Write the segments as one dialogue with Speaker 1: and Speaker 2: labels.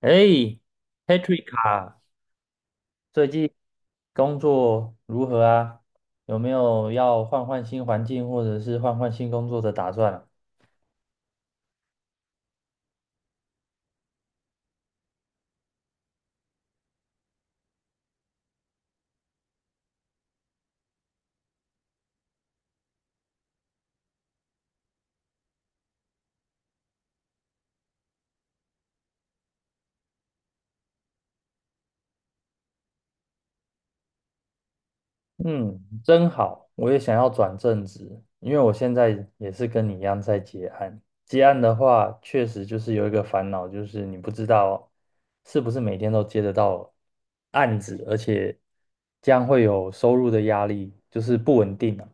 Speaker 1: 哎，Patrick 啊，最近工作如何啊？有没有要换换新环境或者是换换新工作的打算啊。嗯，真好，我也想要转正职，因为我现在也是跟你一样在接案。接案的话，确实就是有一个烦恼，就是你不知道是不是每天都接得到案子，而且将会有收入的压力，就是不稳定啊。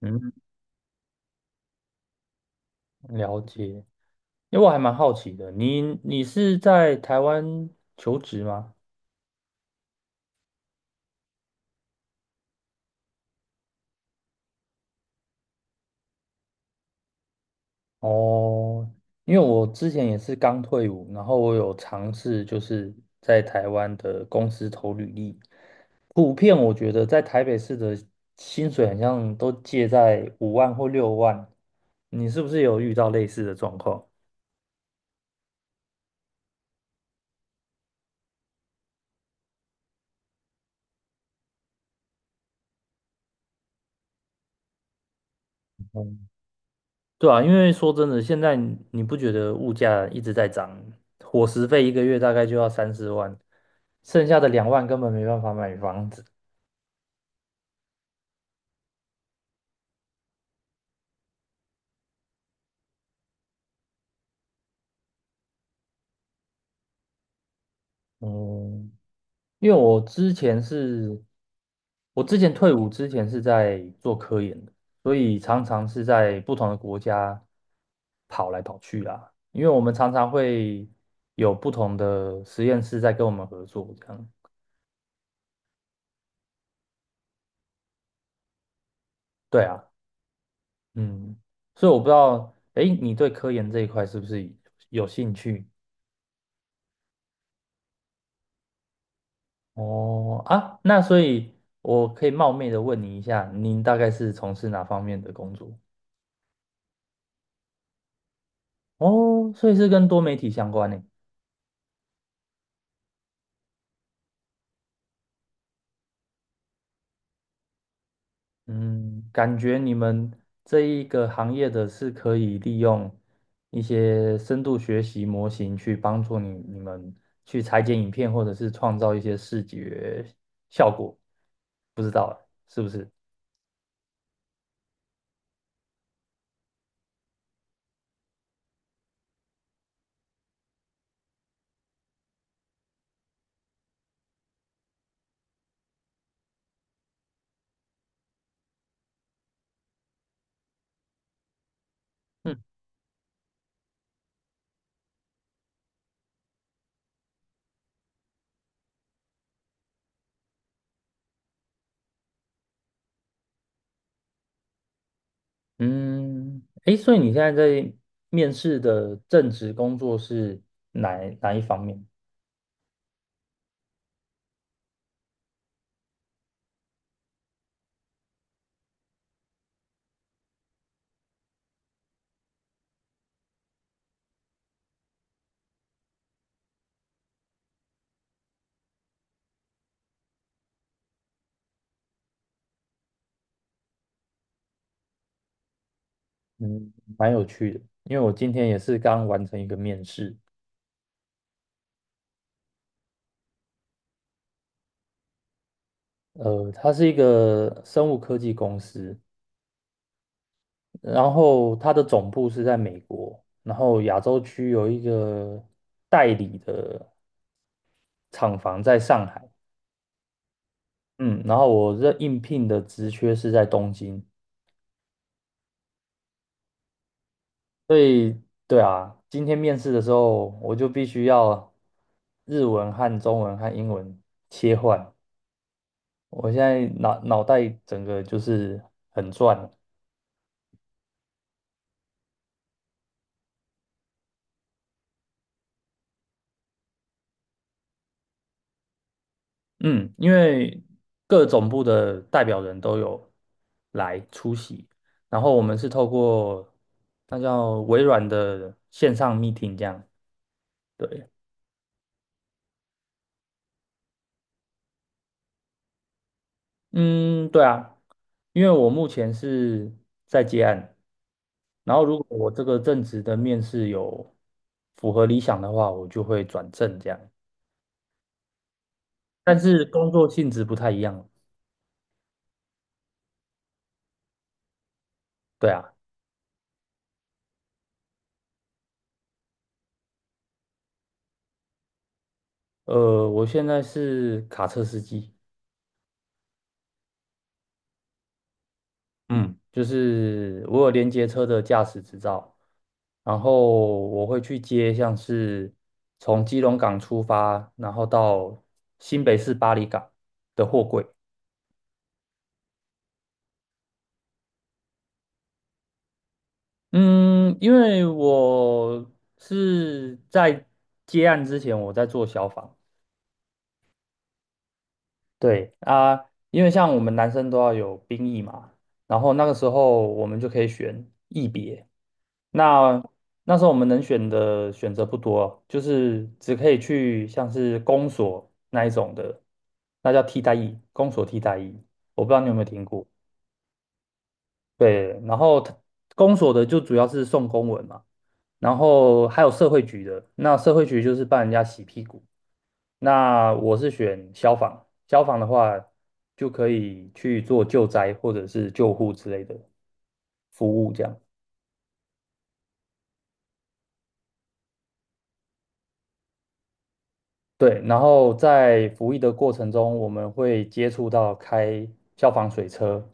Speaker 1: 嗯了解。因为我还蛮好奇的，你是在台湾求职吗？哦，因为我之前也是刚退伍，然后我有尝试就是在台湾的公司投履历，普遍我觉得在台北市的薪水好像都介在5万或六万，你是不是有遇到类似的状况？对啊，因为说真的，现在你不觉得物价一直在涨，伙食费一个月大概就要3、4万，剩下的2万根本没办法买房子。嗯，因为我之前是，我之前退伍之前是在做科研的，所以常常是在不同的国家跑来跑去啦。因为我们常常会有不同的实验室在跟我们合作，这样。对啊。嗯，所以我不知道，哎，你对科研这一块是不是有兴趣？哦，啊，那所以我可以冒昧的问你一下，您大概是从事哪方面的工作？哦，所以是跟多媒体相关呢。嗯，感觉你们这一个行业的是可以利用一些深度学习模型去帮助你们去裁剪影片，或者是创造一些视觉效果，不知道欸是不是？嗯。嗯，诶，所以你现在在面试的正职工作是哪一方面？嗯，蛮有趣的，因为我今天也是刚完成一个面试，它是一个生物科技公司，然后它的总部是在美国，然后亚洲区有一个代理的厂房在上海，嗯，然后我这应聘的职缺是在东京，对啊，今天面试的时候，我就必须要日文和中文和英文切换。我现在脑袋整个就是很转，嗯，因为各总部的代表人都有来出席，然后我们是透过那叫微软的线上 meeting 这样，对，嗯，对啊，因为我目前是在接案，然后如果我这个正职的面试有符合理想的话，我就会转正这样。但是工作性质不太一样，对啊，我现在是卡车司机，嗯，就是我有连接车的驾驶执照，然后我会去接像是从基隆港出发，然后到新北市巴黎港的货柜。嗯，因为我是在接案之前我在做消防。对啊，因为像我们男生都要有兵役嘛，然后那个时候我们就可以选役别。那那时候我们能选的选择不多，就是只可以去像是公所那一种的，那叫替代役，公所替代役，我不知道你有没有听过。对，然后它公所的就主要是送公文嘛，然后还有社会局的，那社会局就是帮人家洗屁股。那我是选消防，消防的话就可以去做救灾或者是救护之类的服务，这样。对，然后在服役的过程中，我们会接触到开消防水车，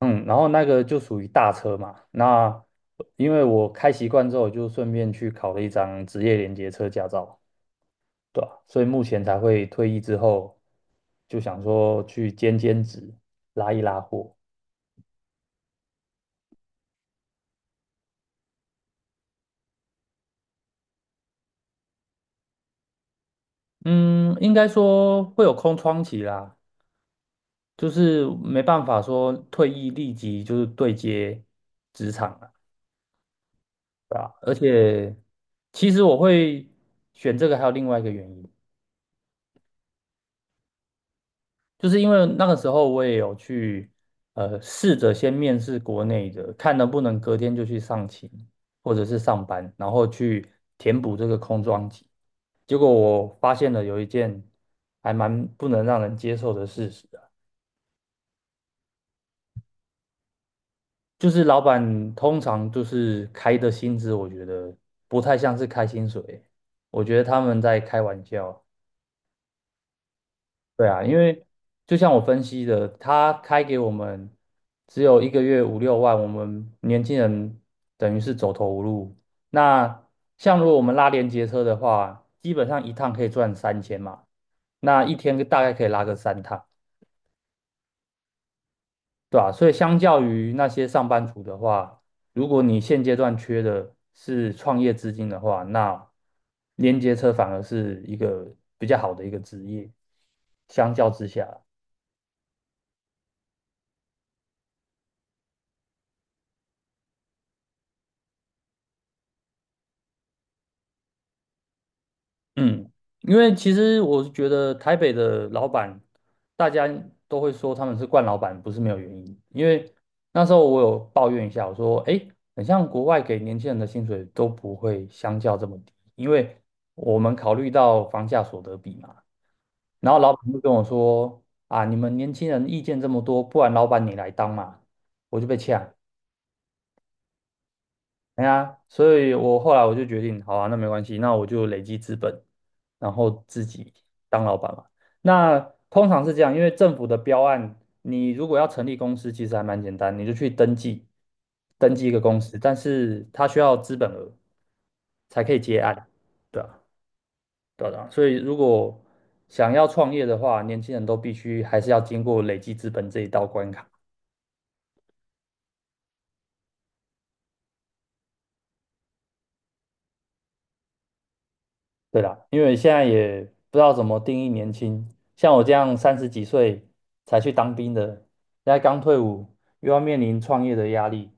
Speaker 1: 嗯，然后那个就属于大车嘛。那因为我开习惯之后，就顺便去考了一张职业连接车驾照，对吧？所以目前才会退役之后，就想说去兼职，拉一拉货。嗯，应该说会有空窗期啦，就是没办法说退役立即就是对接职场了，对吧？而且其实我会选这个，还有另外一个原因，就是因为那个时候我也有去试着先面试国内的，看能不能隔天就去上勤或者是上班，然后去填补这个空窗期。结果我发现了有一件还蛮不能让人接受的事实。就是老板通常就是开的薪资，我觉得不太像是开薪水，我觉得他们在开玩笑。对啊，因为就像我分析的，他开给我们只有一个月5、6万，我们年轻人等于是走投无路。那像如果我们拉连接车的话，基本上一趟可以赚3000嘛，那一天大概可以拉个三趟。对吧？所以相较于那些上班族的话，如果你现阶段缺的是创业资金的话，那连接车反而是一个比较好的一个职业。相较之下，嗯，因为其实我是觉得台北的老板，大家都会说他们是惯老板，不是没有原因。因为那时候我有抱怨一下，我说，哎，很像国外给年轻人的薪水都不会相较这么低，因为我们考虑到房价所得比嘛。然后老板就跟我说：“啊，你们年轻人意见这么多，不然老板你来当嘛。”我就被呛。哎呀，所以我后来我就决定，好啊，那没关系，那我就累积资本，然后自己当老板嘛。那通常是这样，因为政府的标案，你如果要成立公司，其实还蛮简单，你就去登记，登记一个公司，但是它需要资本额才可以接案，对啊。对的啊，所以如果想要创业的话，年轻人都必须还是要经过累积资本这一道关卡。对啦，因为现在也不知道怎么定义年轻，像我这样30几岁才去当兵的，现在刚退伍，又要面临创业的压力，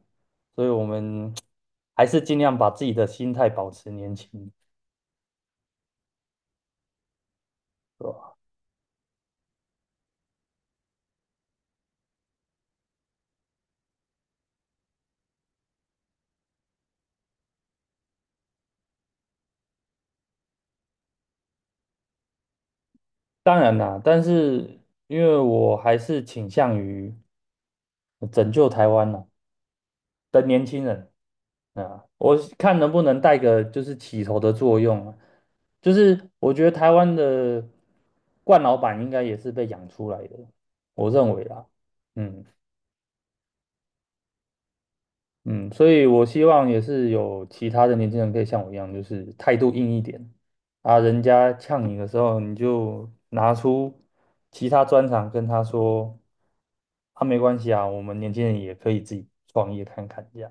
Speaker 1: 所以我们 还是尽量把自己的心态保持年轻，对吧？当然啦，但是因为我还是倾向于拯救台湾啦。的年轻人啊，我看能不能带个就是起头的作用啊，就是我觉得台湾的冠老板应该也是被养出来的，我认为啦，嗯嗯，所以我希望也是有其他的年轻人可以像我一样，就是态度硬一点啊，人家呛你的时候，你就拿出其他专长跟他说，啊，没关系啊，我们年轻人也可以自己创业看看，这样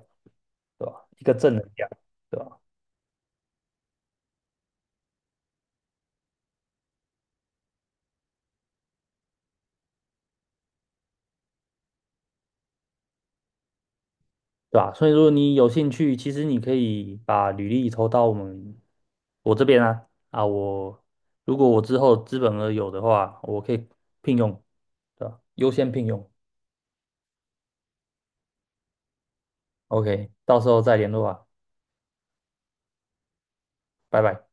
Speaker 1: 对吧？一个正能量。对吧？对吧？所以如果你有兴趣，其实你可以把履历投到我们我这边啊啊，我如果我之后资本额有的话，我可以聘用，对吧？优先聘用，OK，到时候再联络啊，拜拜。